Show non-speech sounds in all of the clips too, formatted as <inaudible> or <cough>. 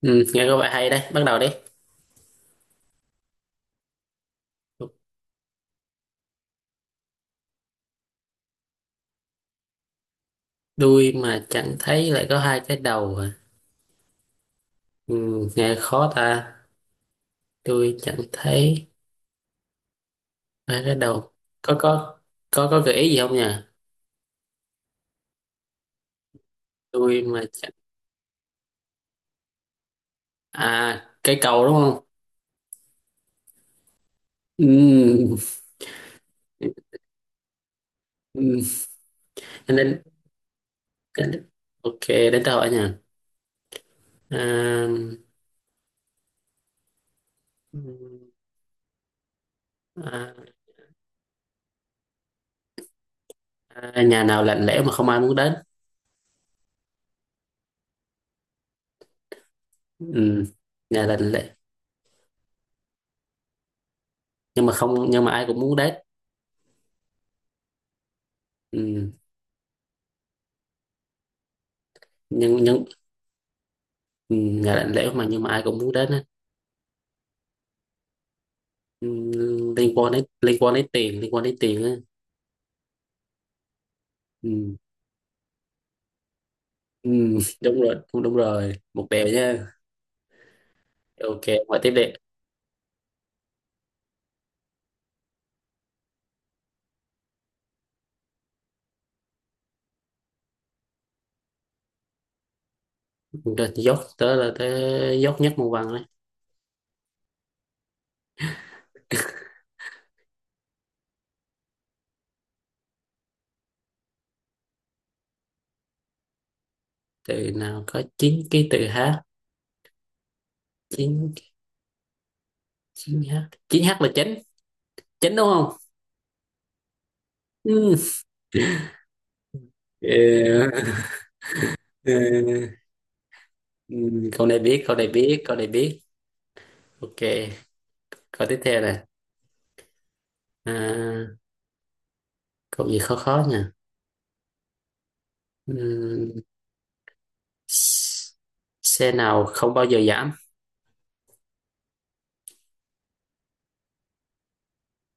Ừ, nghe có vẻ hay đấy, bắt đầu đi. Đuôi mà chẳng thấy lại có hai cái đầu à? Ừ, nghe khó ta. Đuôi chẳng thấy, hai cái đầu. Có có có gợi ý gì không nhỉ? Đuôi mà chẳng, à, cây cầu đúng không? Ừ. Ừ. Anh Đến, anh đến, ok đến tôi hỏi nha. À, à, à, nhà nào lạnh lẽo mà không ai muốn đến? Ừ. Nhà lạnh lẽo nhưng mà không nhưng mà ai cũng muốn đến. Ừ. Nhưng ừ, nhà lạnh lẽo mà, nhưng mà ai cũng muốn đến á. Ừ, liên quan đến tiền, liên quan đến tiền. Ừ, ừ, <laughs> đúng rồi, đúng, đúng rồi, một bèo nha. Ok, ngoài tiếp đi. Rồi, dốc tới là tới, dốc nhất môn văn đấy. Từ nào có chín cái từ h? Chín, chín h chín h là chánh, chánh đúng không? Ừ. Ờ, ờ, ừ, câu này biết, câu này biết. Ok, câu tiếp theo nè. À, câu gì khó khó nha. Ừ. Xe nào không bao giờ giảm?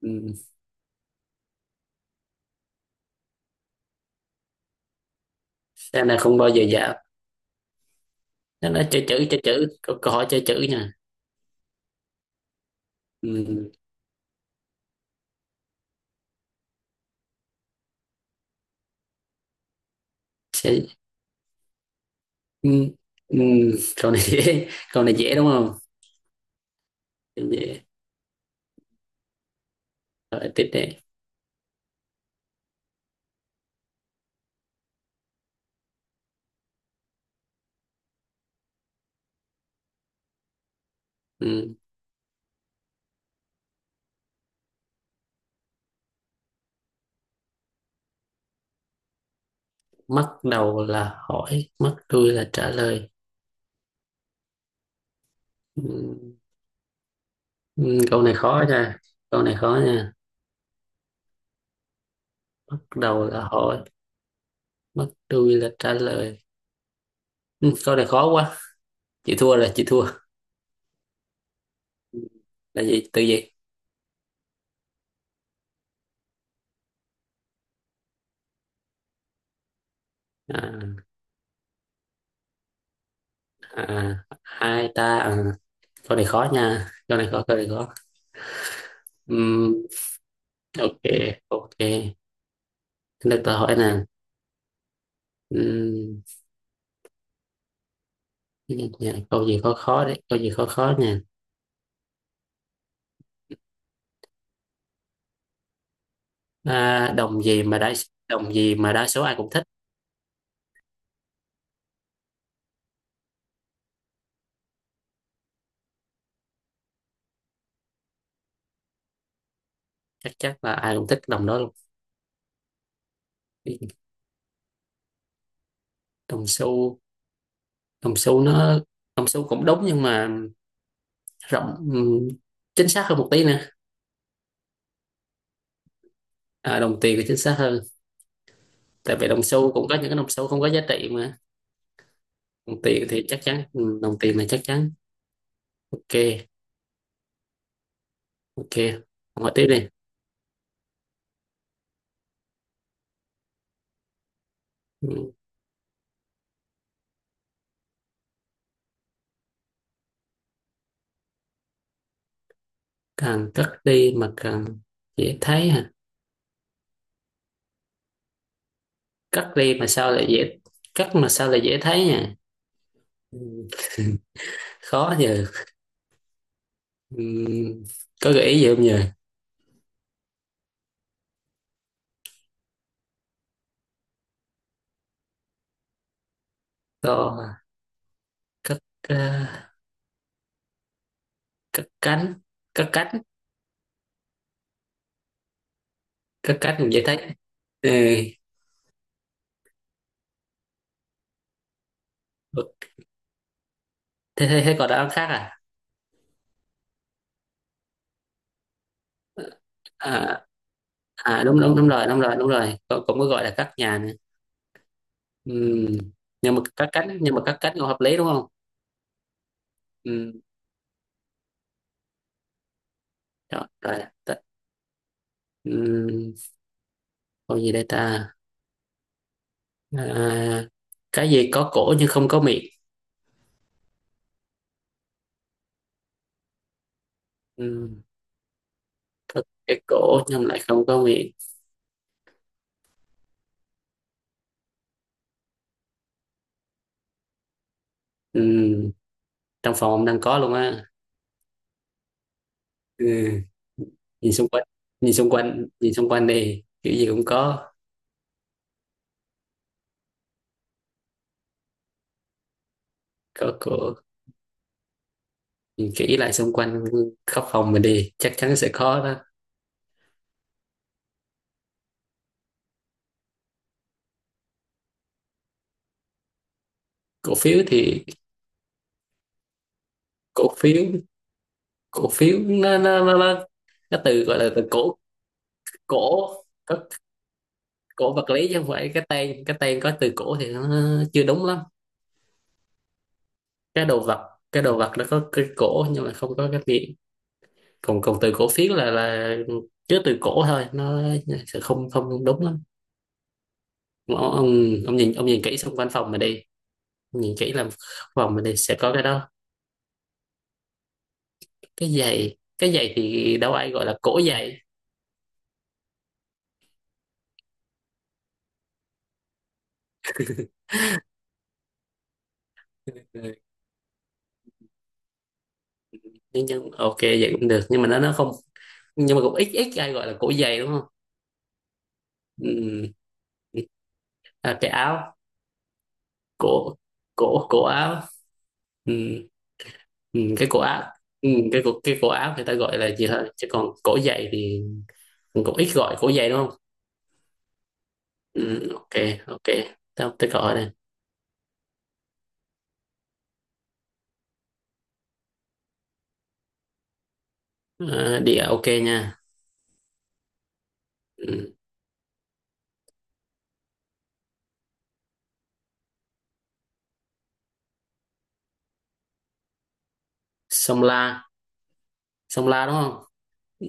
Ừ. Xe nào không bao giờ giảm, nó nói chơi chữ, chơi chữ, câu hỏi chơi chữ nha. Ừ. Xe... Ừ. Ừ. Câu này dễ, câu này dễ đúng không? Dễ. Rồi, tiếp đi. Ừ. Mất đầu là hỏi, mất đuôi là trả lời. Ừ. Ừ. Câu này khó nha, câu này khó nha. Mất đầu là hỏi, mất đuôi là trả lời. Ừ. Câu này khó quá. Chị thua rồi, chị thua. Là gì, từ gì? À. À, hai ta à? Câu này khó nha, câu này khó, câu này khó. Ừm, ok, ok. Thế, để tôi hỏi nè. Ừm, câu gì khó khó đấy, câu gì khó khó nè. à, đồng gì mà đa Đồng gì mà đa số ai cũng thích? Chắc chắc là ai cũng thích cái đồng đó luôn. Đồng xu? Đồng xu nó Đồng xu cũng đúng, nhưng mà rộng. Ừm, chính xác hơn một tí nè. À, đồng tiền thì chính xác hơn. Tại vì đồng xu cũng có những cái đồng xu không có giá trị mà. Đồng tiền thì chắc chắn, ừ, đồng tiền là chắc chắn. Ok. Ok, hỏi tiếp đi. Ừ, càng cắt đi mà càng dễ thấy hả? Cắt đi mà sao lại dễ Cắt mà sao lại dễ thấy nhỉ? Ừ, <laughs> khó giờ. Ừ, có gợi ý gì không nhờ? To, cắt, à, cắt cánh, cắt cánh, cắt cánh cũng dễ thấy. Ừ. Thế còn đáp án khác à? À, à đúng, đúng, đúng rồi, đúng rồi, đúng rồi, cũng, cũng có gọi là cắt nhà nữa. Ừ. Nhưng mà cắt cánh cũng hợp lý đúng không? Ừ. Rồi, rồi. Ừ. Con gì đây ta? À, cái gì có cổ nhưng không có miệng? Ừ, có cái cổ nhưng lại không có miệng. Ừ, trong phòng ông đang có luôn á. Ừ, nhìn xung quanh, nhìn xung quanh, nhìn xung quanh đi. Kiểu gì cũng có cổ. Nhìn kỹ lại xung quanh khắp phòng mình đi, chắc chắn sẽ có đó. Cổ phiếu thì cổ phiếu, cổ phiếu nó, nó từ, gọi là từ cổ, cổ. Có cổ vật lý chứ không phải cái tên có từ cổ thì nó chưa đúng lắm. Cái đồ vật nó có cái cổ nhưng mà không có cái miệng. Còn còn từ cổ phiến là chứa từ cổ thôi, nó sẽ không không đúng lắm. ông, ông ông nhìn kỹ xung quanh phòng mà đi. Nhìn kỹ là phòng mà đi sẽ có cái đó. Cái giày thì đâu ai gọi là cổ giày. Ừ. Nhưng ok, vậy cũng được, nhưng mà nó không. Nhưng mà cũng ít ít ai gọi là cổ giày đúng không? Ừ. À, cái áo. Cổ cổ cổ áo. Ừ. Ừ, cái cổ áo. Ừ, cái cổ, cái cổ áo người ta gọi là gì thôi, chứ còn cổ giày thì cũng ít gọi cổ giày đúng không? Ừ, ok, ok, tao tới gọi đây. Ờ, địa ok nha. Ừ. Sông La, sông La đúng không? Ừ.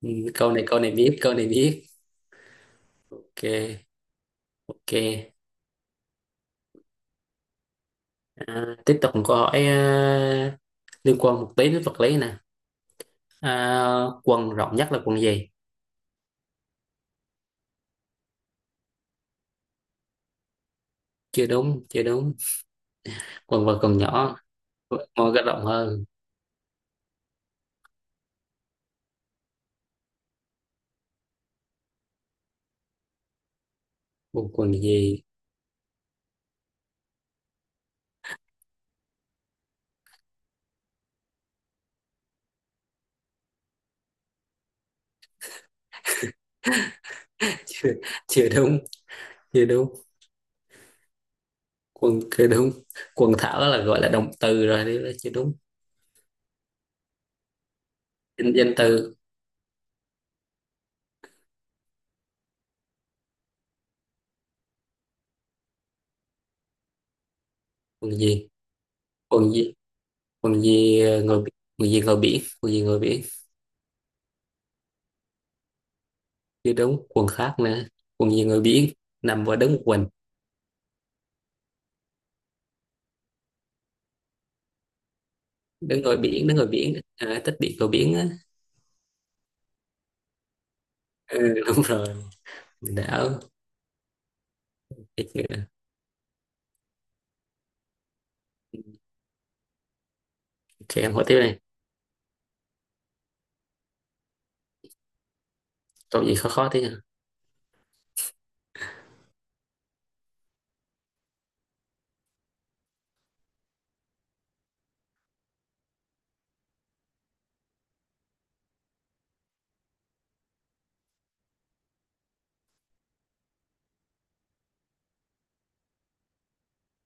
Ừ, câu này, câu này biết, câu này biết. Ok, ok. À, tiếp tục một câu hỏi. À, liên quan một tí đến vật lý nè. À, quần rộng nhất là quần gì? Chưa đúng, chưa đúng. Quần vợt còn nhỏ. Quần vợt rộng hơn. Quần quần gì? <laughs> Chưa đúng, chưa đúng. Quần chưa đúng. Quần thảo là gọi là động từ rồi, đấy là chưa đúng. Danh danh từ. Quần gì, quần gì, quần gì, ờ, quần gì ngồi biển, quần gì ngồi biển. Chưa đúng, quần khác nữa. Quần gì ngồi biển, nằm và đứng một mình. Đứng ngồi biển, đứng ngồi biển, à, tích điện ngồi biển á. Ừ, <laughs> đúng rồi. Đảo. Ok. Em hỏi tiếp này. Câu gì khó khó thế nhỉ?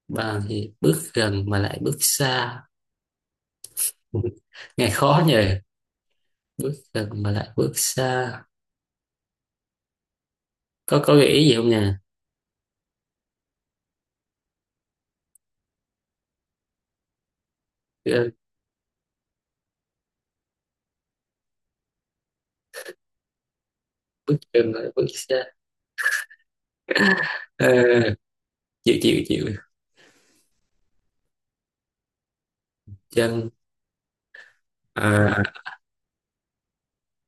Bằng thì bước gần mà lại bước xa. <laughs> Nghe khó nhỉ. Bước gần mà lại bước xa. Có gợi ý gì không nhỉ? Ờ, bước chân lại bước xa. À, chịu, chịu, chịu. Chân. À,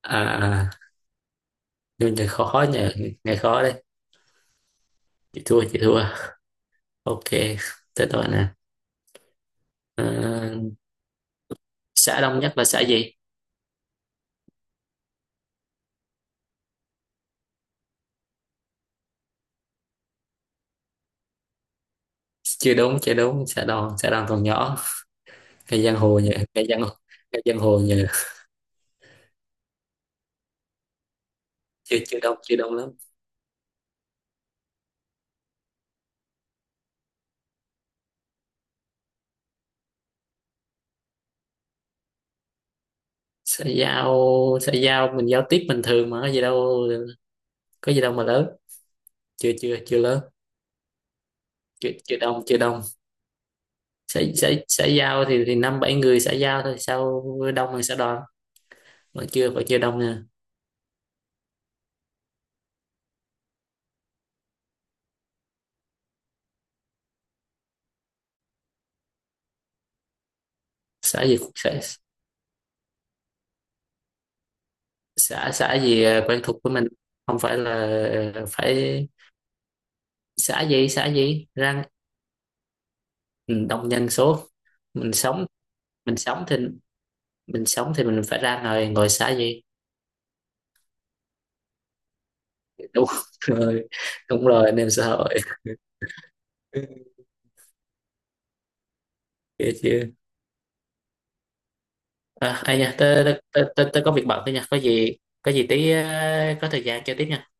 à, à, nhưng này khó nhờ, nghe khó đấy. Chị thua, chị thua. Ok, tới tôi nè. À, xã Đông Nhất là xã gì? Chưa đúng, chưa đúng. Xã Đông, xã Đông còn nhỏ. Cái giang hồ nhờ, cái giang hồ nhờ. Chưa chưa đông, chưa đông lắm. Xã giao. Xã giao mình giao tiếp bình thường mà, có gì đâu. Có gì đâu mà lớn. Chưa chưa chưa lớn. Chưa chưa đông, chưa đông. Xã xã xã giao thì năm bảy người xã giao thôi sao, đông hơn xã đoàn. Vẫn chưa đông nha. Xã gì, xã xã, xã gì, à, quen thuộc với mình. Không phải là, ờ, phải. Xã gì, xã gì ra. Ừ, đồng nhân số. mình sống mình sống thì mình sống thì mình phải ra ngoài ngồi xã gì. Đúng rồi, đúng rồi, anh em xã hội. Kìa chưa. À, ai nha, tớ có việc bận thôi nha, có gì, có gì tí ờ, có thời gian chơi tiếp nha.